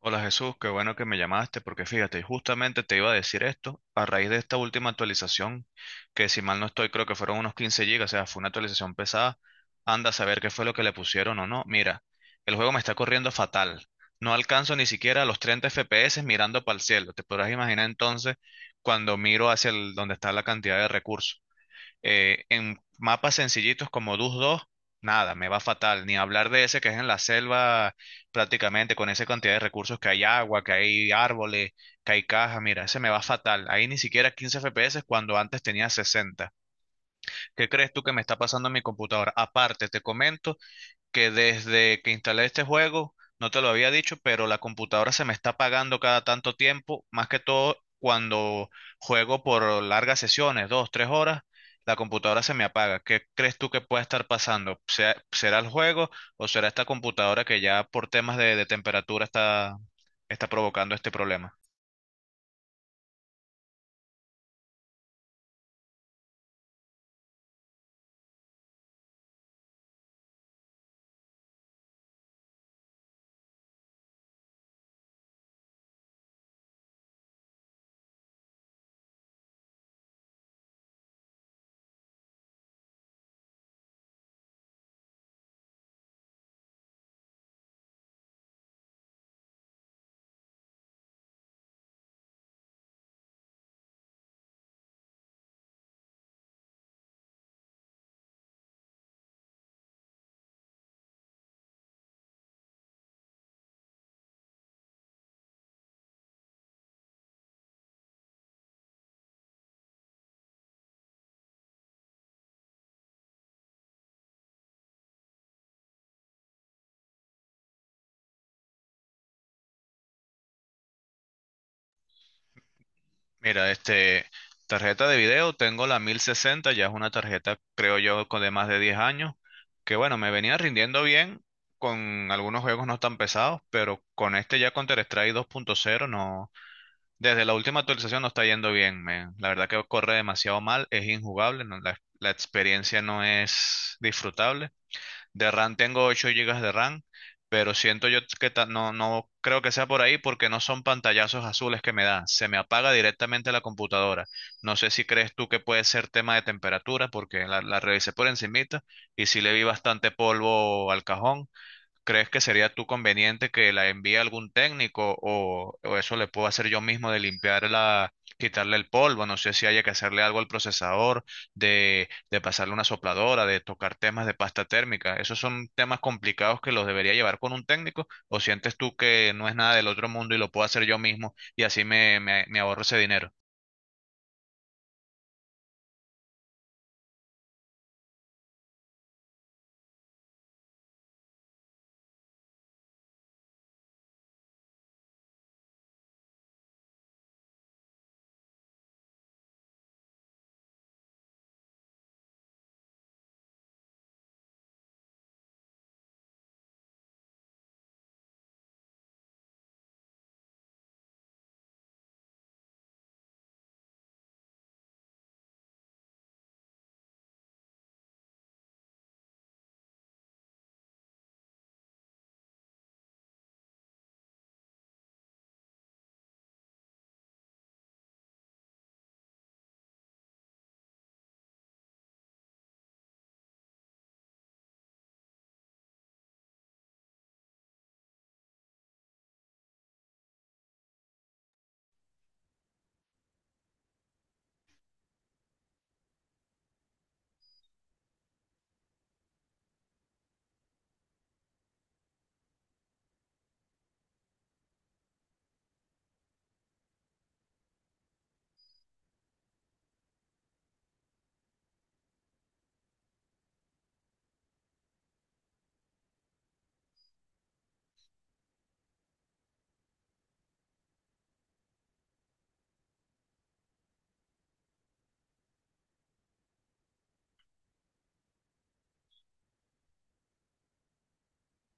Hola Jesús, qué bueno que me llamaste porque fíjate, justamente te iba a decir esto a raíz de esta última actualización, que si mal no estoy creo que fueron unos 15 gigas, o sea, fue una actualización pesada, anda a saber qué fue lo que le pusieron o no. Mira, el juego me está corriendo fatal, no alcanzo ni siquiera los 30 FPS mirando para el cielo, te podrás imaginar entonces cuando miro hacia donde está la cantidad de recursos. En mapas sencillitos como Dus 2 nada, me va fatal. Ni hablar de ese que es en la selva prácticamente, con esa cantidad de recursos que hay agua, que hay árboles, que hay cajas. Mira, ese me va fatal. Ahí ni siquiera 15 FPS cuando antes tenía 60. ¿Qué crees tú que me está pasando en mi computadora? Aparte, te comento que desde que instalé este juego, no te lo había dicho, pero la computadora se me está apagando cada tanto tiempo, más que todo cuando juego por largas sesiones, dos, tres horas, la computadora se me apaga. ¿Qué crees tú que pueda estar pasando? ¿Será el juego o será esta computadora que ya por temas de temperatura está, está provocando este problema? Mira, tarjeta de video, tengo la 1060, ya es una tarjeta, creo yo, con de más de 10 años, que bueno, me venía rindiendo bien con algunos juegos no tan pesados, pero con este ya con Counter-Strike dos punto cero no, desde la última actualización no está yendo bien, men. La verdad que corre demasiado mal, es injugable, la, la experiencia no es disfrutable. De RAM tengo 8 gigas de RAM, pero siento yo que no, no creo que sea por ahí porque no son pantallazos azules que me da. Se me apaga directamente la computadora. No sé si crees tú que puede ser tema de temperatura porque la revisé por encimita y sí le vi bastante polvo al cajón. ¿Crees que sería tú conveniente que la envíe algún técnico o eso le puedo hacer yo mismo de limpiarla, quitarle el polvo? No sé si haya que hacerle algo al procesador, de pasarle una sopladora, de tocar temas de pasta térmica. Esos son temas complicados que los debería llevar con un técnico o sientes tú que no es nada del otro mundo y lo puedo hacer yo mismo y así me ahorro ese dinero.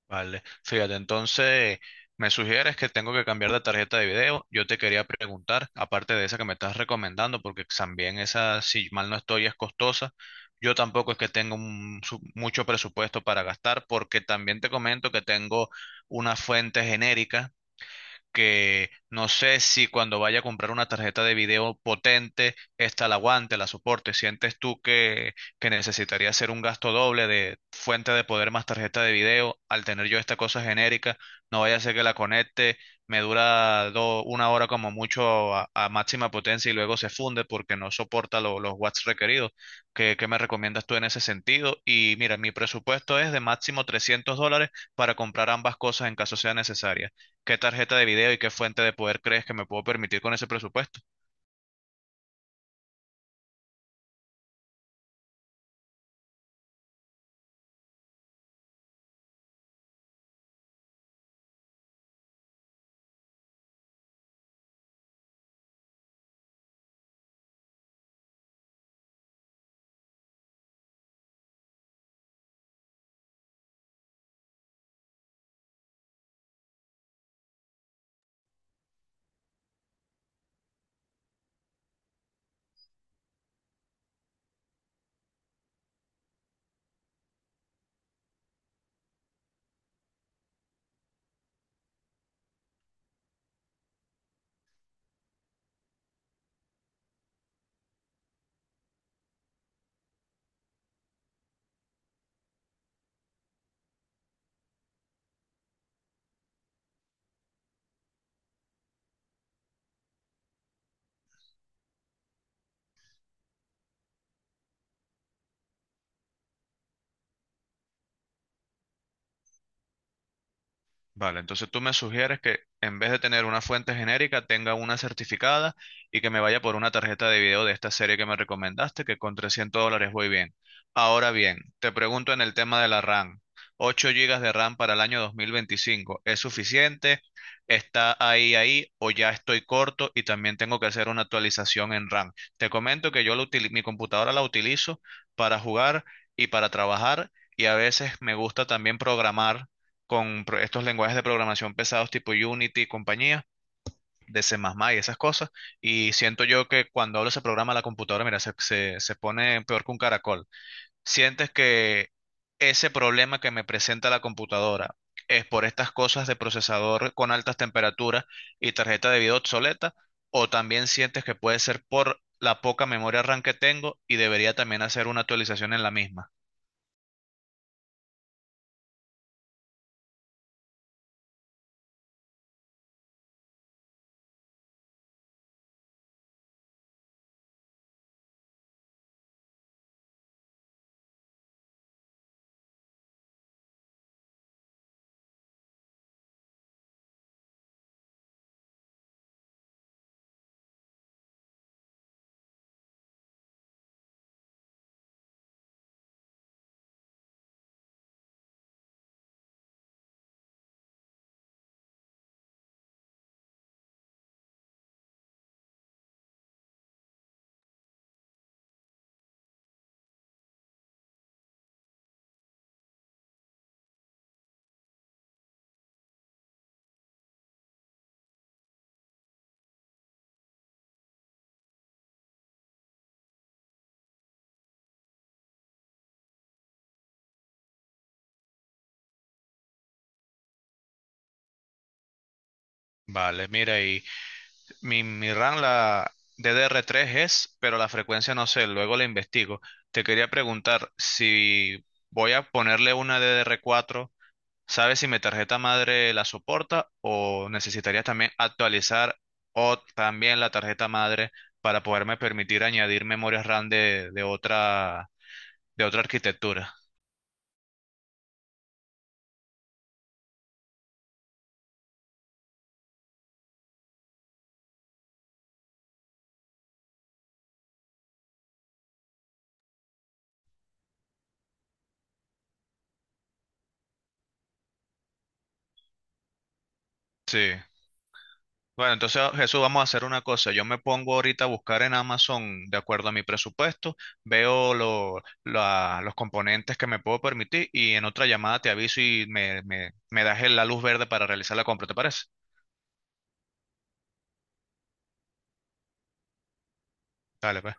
Vale, fíjate, entonces me sugieres que tengo que cambiar de tarjeta de video. Yo te quería preguntar, aparte de esa que me estás recomendando, porque también esa, si mal no estoy, es costosa. Yo tampoco es que tengo mucho presupuesto para gastar, porque también te comento que tengo una fuente genérica que no sé si cuando vaya a comprar una tarjeta de video potente, esta la aguante, la soporte. ¿Sientes tú que necesitaría hacer un gasto doble de fuente de poder más tarjeta de video al tener yo esta cosa genérica? No vaya a ser que la conecte, me dura una hora como mucho a máxima potencia y luego se funde porque no soporta los watts requeridos. ¿Qué, qué me recomiendas tú en ese sentido? Y mira, mi presupuesto es de máximo $300 para comprar ambas cosas en caso sea necesaria. ¿Qué tarjeta de video y qué fuente de poder crees que me puedo permitir con ese presupuesto? Vale, entonces tú me sugieres que en vez de tener una fuente genérica, tenga una certificada y que me vaya por una tarjeta de video de esta serie que me recomendaste, que con $300 voy bien. Ahora bien, te pregunto en el tema de la RAM. ¿8 gigas de RAM para el año 2025 es suficiente? ¿Está ahí, ahí o ya estoy corto y también tengo que hacer una actualización en RAM? Te comento que yo mi computadora la utilizo para jugar y para trabajar y a veces me gusta también programar con estos lenguajes de programación pesados tipo Unity y compañía, de C++ y esas cosas, y siento yo que cuando hablo ese programa a la computadora, mira, se pone peor que un caracol. Sientes que ese problema que me presenta la computadora es por estas cosas de procesador con altas temperaturas y tarjeta de video obsoleta, o también sientes que puede ser por la poca memoria RAM que tengo y debería también hacer una actualización en la misma. Vale, mira, y mi RAM, la DDR3 es, pero la frecuencia no sé, luego la investigo. Te quería preguntar si voy a ponerle una DDR4, ¿sabes si mi tarjeta madre la soporta o necesitarías también actualizar o también la tarjeta madre para poderme permitir añadir memorias RAM de otra arquitectura? Sí. Bueno, entonces Jesús, vamos a hacer una cosa. Yo me pongo ahorita a buscar en Amazon de acuerdo a mi presupuesto, veo los componentes que me puedo permitir y en otra llamada te aviso y me das la luz verde para realizar la compra, ¿te parece? Dale, pues.